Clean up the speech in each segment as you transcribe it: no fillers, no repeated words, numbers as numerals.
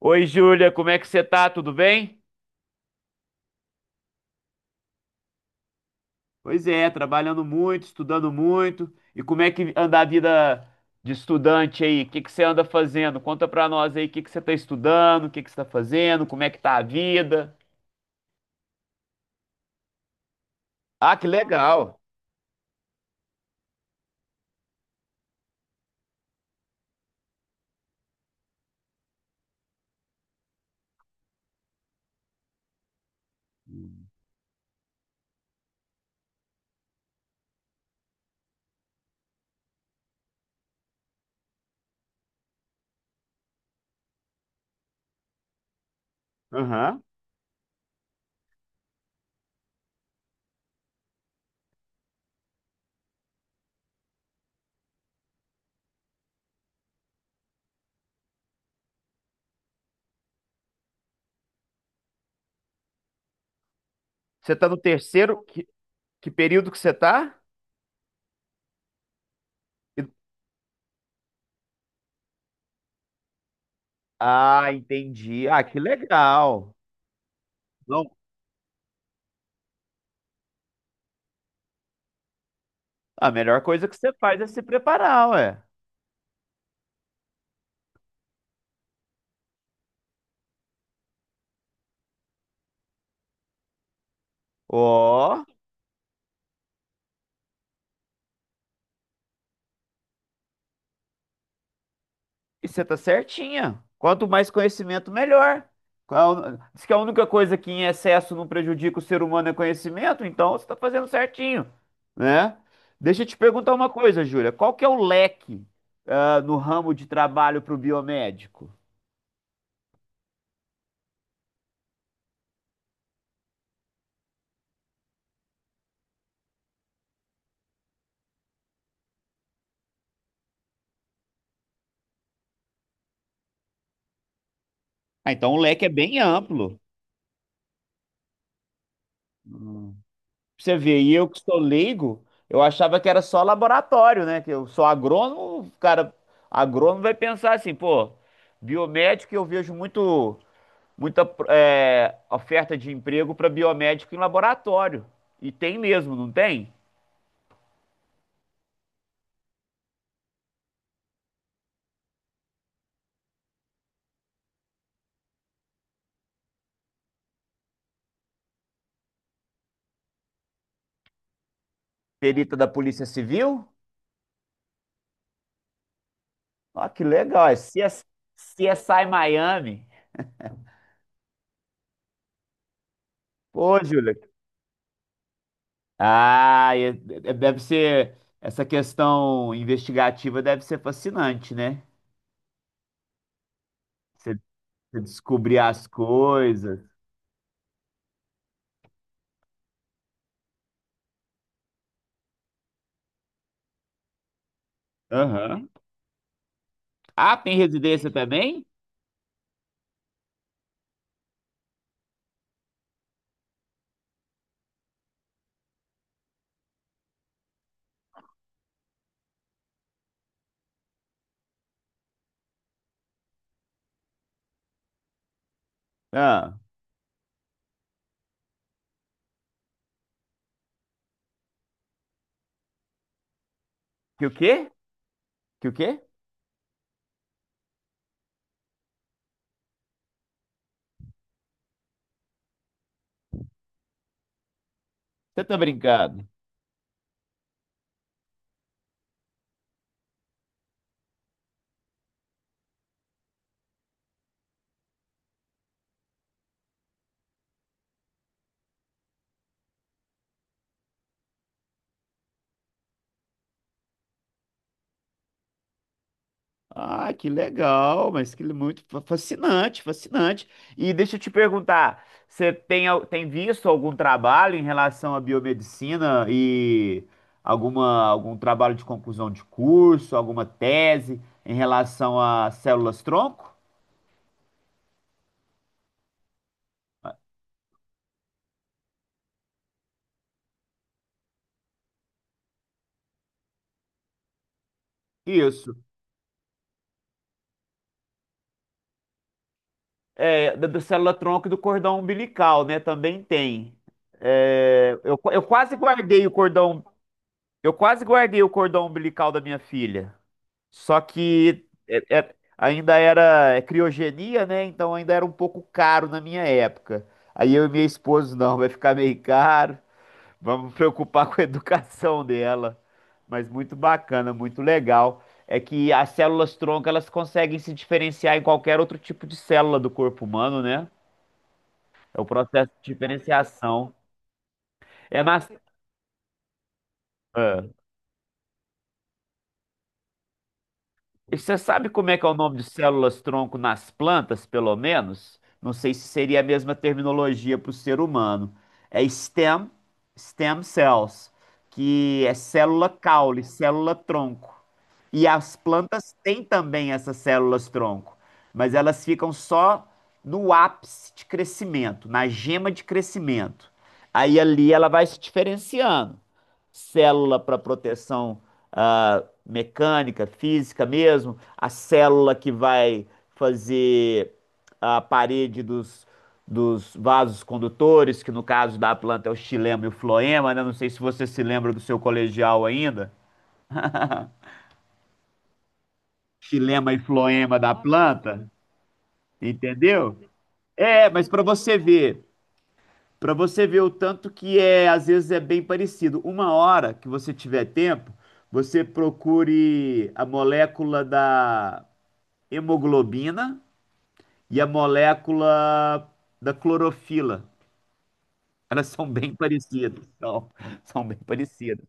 Oi, Júlia, como é que você tá? Tudo bem? Pois é, trabalhando muito, estudando muito. E como é que anda a vida de estudante aí? O que que você anda fazendo? Conta pra nós aí o que que você tá estudando, o que que você tá fazendo, como é que tá a vida. Ah, que legal. Aham. Você tá no terceiro? Que período que você tá? E- Ah, entendi. Ah, que legal. Não, a melhor coisa que você faz é se preparar, ué. Ó. E você tá certinha. Quanto mais conhecimento, melhor. Diz que a única coisa que em excesso não prejudica o ser humano é conhecimento, então você está fazendo certinho, né? Deixa eu te perguntar uma coisa, Júlia. Qual que é o leque, no ramo de trabalho para o biomédico? Ah, então o leque é bem amplo. Hum. Pra você vê, e eu que sou leigo, eu achava que era só laboratório, né? Que eu sou agrônomo, o cara, agrônomo vai pensar assim, pô, biomédico eu vejo muito. Muita é, oferta de emprego para biomédico em laboratório. E tem mesmo, não tem? Perita da Polícia Civil? Ah, que legal. CSI Miami. Pô, Júlia. Ah, deve ser. Essa questão investigativa deve ser fascinante, né? Você você descobrir as coisas. Aham. Ah, tem residência também? Ah, que o quê? Que o quê? Você tá brincando? Ah, que legal, mas que muito fascinante, fascinante. E deixa eu te perguntar, você tem, tem visto algum trabalho em relação à biomedicina e algum trabalho de conclusão de curso, alguma tese em relação a células-tronco? Isso, é, da célula-tronco e do cordão umbilical, né? Também tem. Eu quase guardei o cordão, eu quase guardei o cordão umbilical da minha filha. Só que ainda era é criogenia, né? Então ainda era um pouco caro na minha época. Aí eu e minha esposa, não, vai ficar meio caro. Vamos preocupar com a educação dela. Mas muito bacana, muito legal. É que as células-tronco, elas conseguem se diferenciar em qualquer outro tipo de célula do corpo humano, né? É o processo de diferenciação. É nas... E você sabe como é que é o nome de células-tronco nas plantas, pelo menos? Não sei se seria a mesma terminologia para o ser humano. É stem, stem cells, que é célula caule, célula-tronco. E as plantas têm também essas células-tronco, mas elas ficam só no ápice de crescimento, na gema de crescimento. Aí ali ela vai se diferenciando célula para proteção, mecânica, física mesmo, a célula que vai fazer a parede dos vasos condutores, que no caso da planta é o xilema e o floema, né? Não sei se você se lembra do seu colegial ainda. Xilema e floema da planta, entendeu? É, mas para você ver. Para você ver o tanto que é, às vezes é bem parecido. Uma hora que você tiver tempo, você procure a molécula da hemoglobina e a molécula da clorofila. Elas são bem parecidas, são bem parecidas.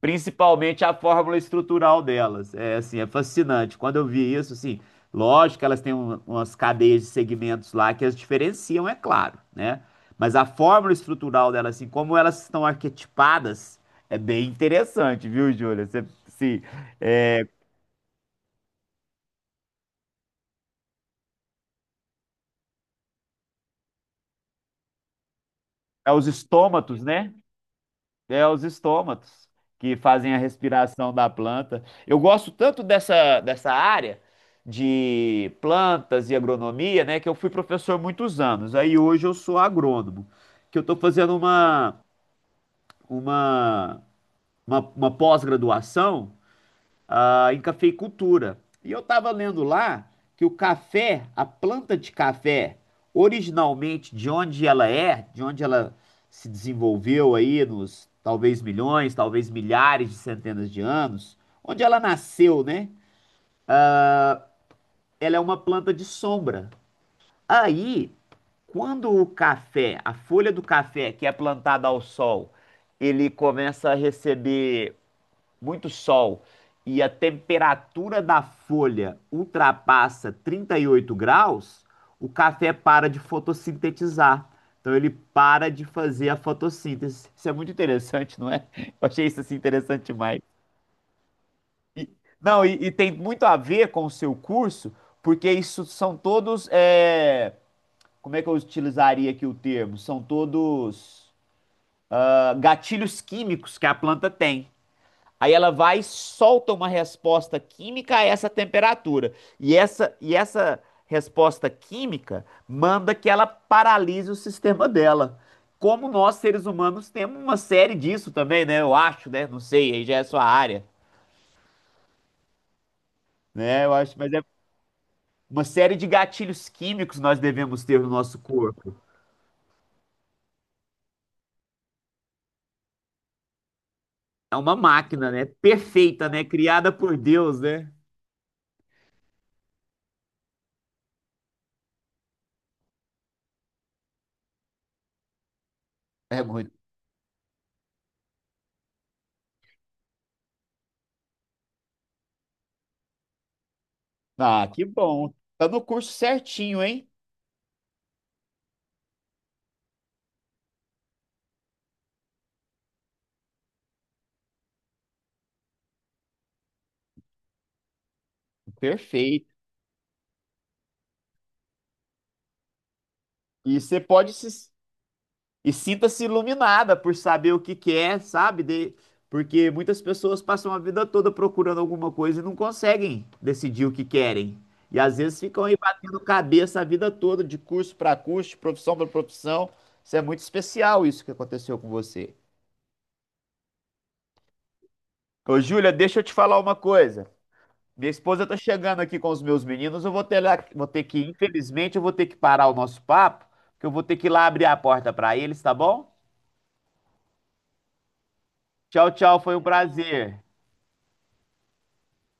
Principalmente a fórmula estrutural delas. É assim, é fascinante. Quando eu vi isso, assim, lógico que elas têm umas cadeias de segmentos lá que as diferenciam, é claro, né? Mas a fórmula estrutural delas, assim, como elas estão arquetipadas, é bem interessante, viu, Júlia? Assim, é, é os estômatos, né? É os estômatos que fazem a respiração da planta. Eu gosto tanto dessa área de plantas e agronomia, né, que eu fui professor muitos anos. Aí hoje eu sou agrônomo, que eu estou fazendo uma, uma pós-graduação, em cafeicultura. E eu estava lendo lá que o café, a planta de café, originalmente de onde ela é, de onde ela se desenvolveu aí nos talvez milhões, talvez milhares de centenas de anos, onde ela nasceu, né? Ela é uma planta de sombra. Aí, quando o café, a folha do café que é plantada ao sol, ele começa a receber muito sol e a temperatura da folha ultrapassa 38 graus, o café para de fotossintetizar. Então ele para de fazer a fotossíntese. Isso é muito interessante, não é? Eu achei isso assim interessante demais. Não, e tem muito a ver com o seu curso, porque isso são como é que eu utilizaria aqui o termo? São todos, gatilhos químicos que a planta tem. Aí ela vai e solta uma resposta química a essa temperatura. E essa resposta química manda que ela paralise o sistema dela. Como nós, seres humanos, temos uma série disso também, né? Eu acho, né? Não sei, aí já é sua área, né? Eu acho, mas é uma série de gatilhos químicos nós devemos ter no nosso corpo. É uma máquina, né? Perfeita, né? Criada por Deus, né? É muito. Ah, que bom. Tá no curso certinho, hein? Perfeito. E você pode se... E sinta-se iluminada por saber o que quer, sabe? De- Porque muitas pessoas passam a vida toda procurando alguma coisa e não conseguem decidir o que querem. E às vezes ficam aí batendo cabeça a vida toda, de curso para curso, de profissão para profissão. Isso é muito especial, isso que aconteceu com você. Ô, Júlia, deixa eu te falar uma coisa. Minha esposa tá chegando aqui com os meus meninos. Eu vou ter, vou ter que, infelizmente, eu vou ter que parar o nosso papo, porque eu vou ter que ir lá abrir a porta para eles, tá bom? Tchau, tchau, foi um prazer.